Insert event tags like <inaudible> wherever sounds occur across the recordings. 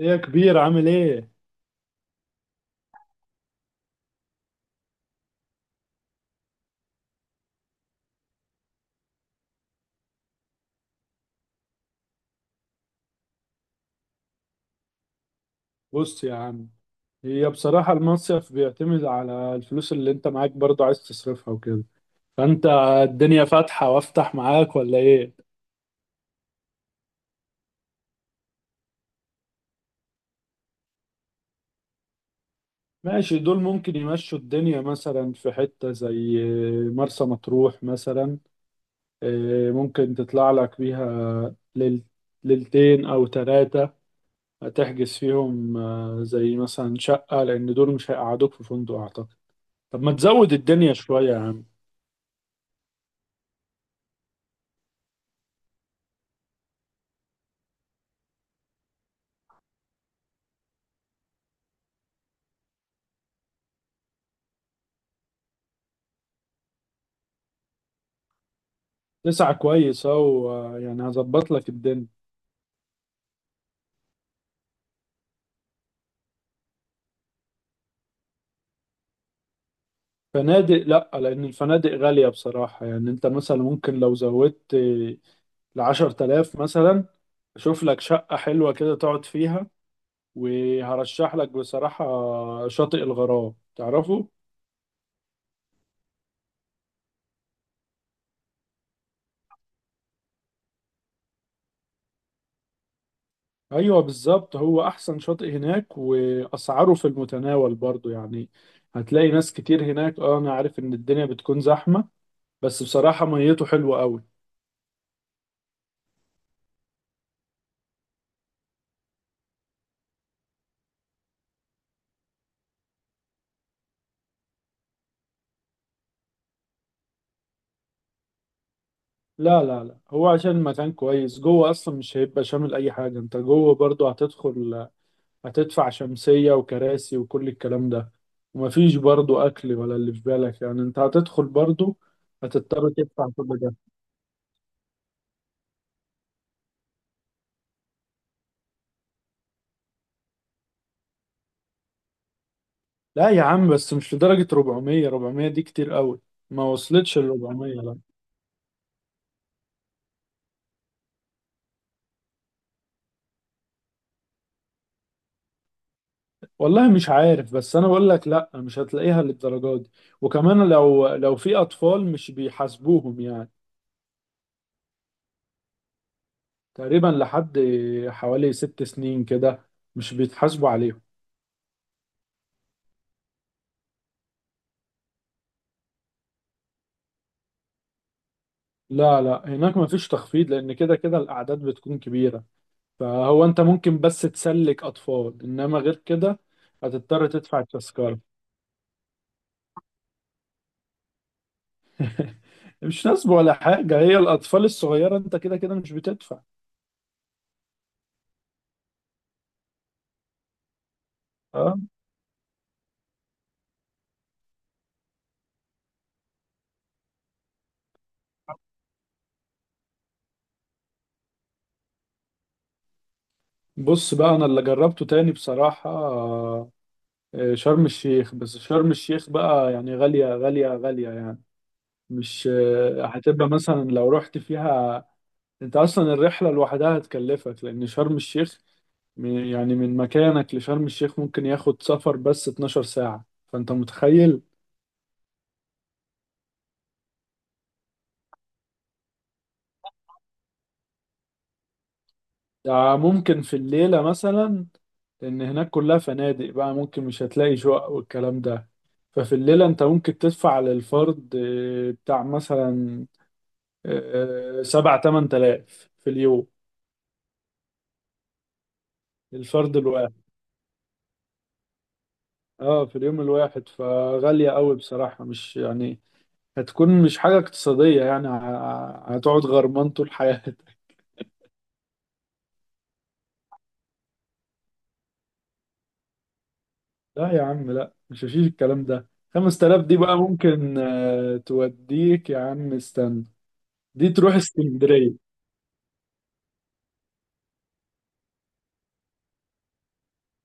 ايه يا كبير، عامل ايه؟ بص يا عم. هي بصراحة المصيف بيعتمد على الفلوس اللي انت معاك، برضه عايز تصرفها وكده. فانت الدنيا فاتحة وافتح معاك ولا ايه؟ ماشي، دول ممكن يمشوا الدنيا مثلا في حتة زي مرسى مطروح مثلا. إيه، ممكن تطلع لك بيها ليلتين او ثلاثة، هتحجز فيهم زي مثلا شقة، لان دول مش هيقعدوك في فندق اعتقد. طب ما تزود الدنيا شوية يا عم. تسعة كويس اهو، يعني هظبط لك الدنيا. فنادق لا، لان الفنادق غالية بصراحة، يعني انت مثلا ممكن لو زودت لعشر تلاف مثلا، اشوف لك شقة حلوة كده تقعد فيها. وهرشح لك بصراحة شاطئ الغرام، تعرفه؟ ايوه بالظبط، هو احسن شاطئ هناك واسعاره في المتناول برضو يعني. هتلاقي ناس كتير هناك، انا عارف ان الدنيا بتكون زحمة، بس بصراحة ميته حلوة قوي. لا لا لا، هو عشان مكان كويس جوه، اصلا مش هيبقى شامل اي حاجه، انت جوه برضو هتدخل، هتدفع شمسيه وكراسي وكل الكلام ده. ومفيش برضو اكل ولا اللي في بالك، يعني انت هتدخل برضو هتضطر تدفع كل ده. لا يا عم، بس مش لدرجه 400، 400 دي كتير قوي، ما وصلتش ل 400، لا. والله مش عارف، بس انا بقول لك لا مش هتلاقيها للدرجه دي. وكمان لو في اطفال مش بيحاسبوهم يعني. تقريبا لحد حوالي 6 سنين كده مش بيتحاسبوا عليهم. لا لا، هناك مفيش تخفيض لأن كده كده الأعداد بتكون كبيرة. فهو أنت ممكن بس تسلك أطفال، إنما غير كده هتضطر تدفع التذكرة. <laughs> مش نصب ولا حاجة، هي الأطفال الصغيرة أنت كده كده مش بتدفع. أه. بص بقى، أنا اللي جربته تاني بصراحة شرم الشيخ. بس شرم الشيخ بقى يعني غالية غالية غالية يعني، مش هتبقى مثلا لو رحت فيها، انت اصلا الرحله لوحدها هتكلفك، لان شرم الشيخ يعني من مكانك لشرم الشيخ ممكن ياخد سفر بس 12 ساعه، فانت متخيل. ده ممكن في الليله مثلا، لان هناك كلها فنادق بقى، ممكن مش هتلاقي شقق والكلام ده. ففي الليله انت ممكن تدفع للفرد بتاع مثلا اه، سبع تمن تلاف في اليوم. الفرد الواحد، اه، في اليوم الواحد، فغاليه قوي بصراحه مش يعني، هتكون مش حاجة اقتصادية، يعني هتقعد غرمان طول حياتك. <laughs> لا يا عم لا، مش هشيل الكلام ده. 5000 دي بقى ممكن توديك يا عم، استنى، دي تروح اسكندرية.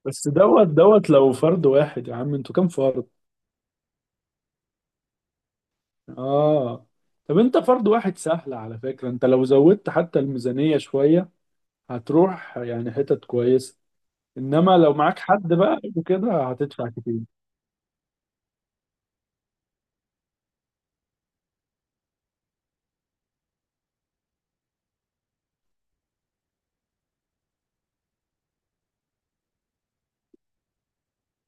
بس دوت دوت لو فرد واحد يا عم، انتوا كام فرد؟ اه. طب انت فرد واحد سهل، على فكرة انت لو زودت حتى الميزانية شوية هتروح يعني حتت كويسة، انما لو معاك حد بقى وكده هتدفع كتير.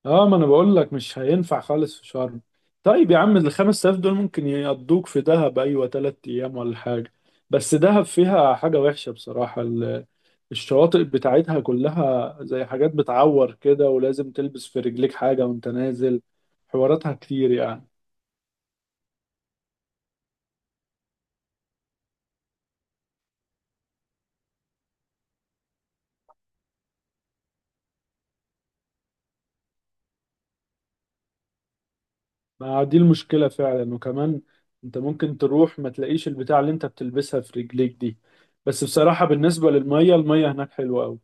اه، ما انا بقول لك مش هينفع خالص في شرم. طيب يا عم ال 5000 دول ممكن يقضوك في دهب، ايوه 3 ايام ولا حاجه. بس دهب فيها حاجه وحشه بصراحه، الشواطئ بتاعتها كلها زي حاجات بتعور كده، ولازم تلبس في رجليك حاجه وانت نازل، حواراتها كتير يعني. ما دي المشكله فعلا، وكمان انت ممكن تروح ما تلاقيش البتاع اللي انت بتلبسها في رجليك دي. بس بصراحه بالنسبه للميه، الميه هناك حلوه قوي.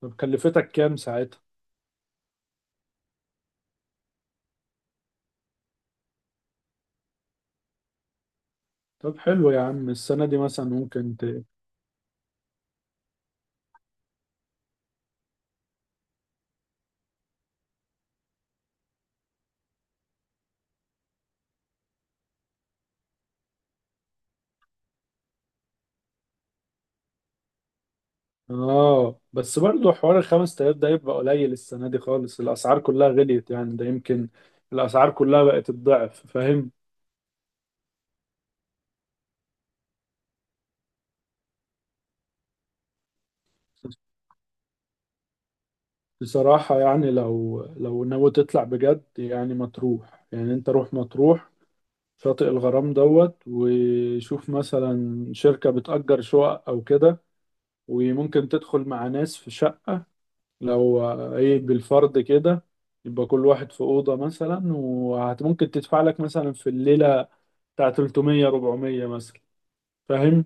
طب كلفتك كام؟ طب حلو يا عم، السنة دي مثلا ممكن ت... اه بس برضه حوار الخمس تلاف ده يبقى قليل، السنة دي خالص الأسعار كلها غليت يعني، ده يمكن الأسعار كلها بقت الضعف، فاهم؟ بصراحة يعني لو ناوي تطلع بجد يعني مطروح، يعني انت روح مطروح شاطئ الغرام دوت، وشوف مثلا شركة بتأجر شقق أو كده، وممكن تدخل مع ناس في شقة، لو ايه بالفرد كده، يبقى كل واحد في أوضة مثلا، وممكن تدفع لك مثلا في الليلة بتاع 300 400 مثلا، فاهم؟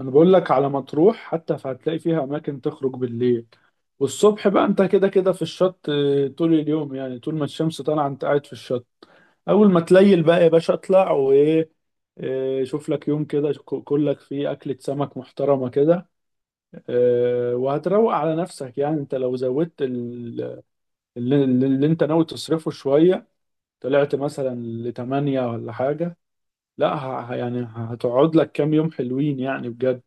انا بقول لك على مطروح حتى، فهتلاقي فيها اماكن تخرج بالليل، والصبح بقى انت كده كده في الشط طول اليوم يعني، طول ما الشمس طالعة انت قاعد في الشط. اول ما تليل بقى يا باشا اطلع وايه، آه، شوف لك يوم كده كلك فيه أكلة سمك محترمة كده وهتروق على نفسك. يعني انت لو زودت اللي انت ناوي تصرفه شوية، طلعت مثلا لتمانية ولا حاجة، لا يعني هتقعد لك كام يوم حلوين يعني بجد.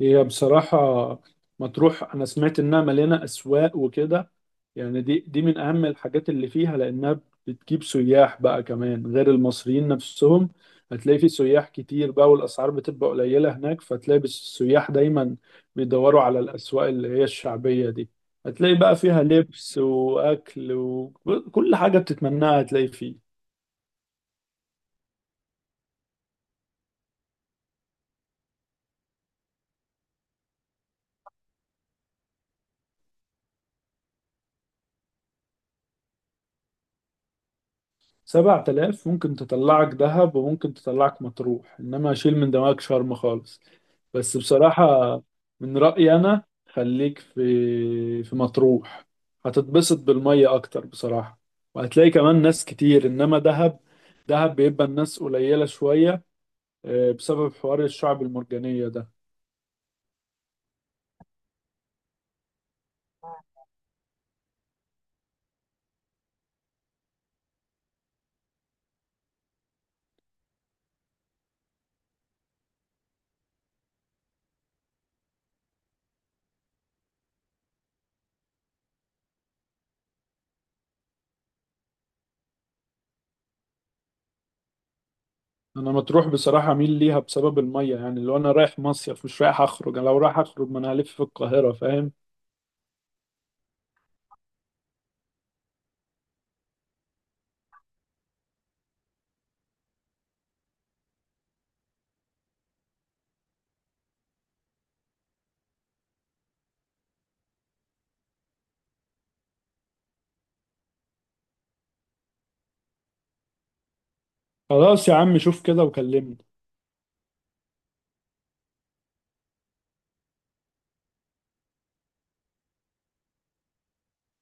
هي بصراحة مطروح، أنا سمعت إنها مليانة أسواق وكده، يعني دي من أهم الحاجات اللي فيها، لأنها بتجيب سياح بقى كمان غير المصريين نفسهم. هتلاقي في سياح كتير بقى، والأسعار بتبقى قليلة هناك، فتلاقي بس السياح دايما بيدوروا على الأسواق اللي هي الشعبية دي. هتلاقي بقى فيها لبس وأكل وكل حاجة بتتمناها هتلاقي فيه. 7000 ممكن تطلعك دهب وممكن تطلعك مطروح، إنما شيل من دماغك شرم خالص. بس بصراحة من رأيي، أنا خليك في مطروح، هتتبسط بالمية أكتر بصراحة، وهتلاقي كمان ناس كتير، إنما دهب، دهب بيبقى الناس قليلة شوية بسبب حوار الشعب المرجانية ده. أنا مطروح بصراحة أميل ليها بسبب المية، يعني لو أنا رايح مصيف مش رايح أخرج، أنا لو رايح أخرج ما أنا هلف في القاهرة فاهم. خلاص يا عم شوف كده وكلمني.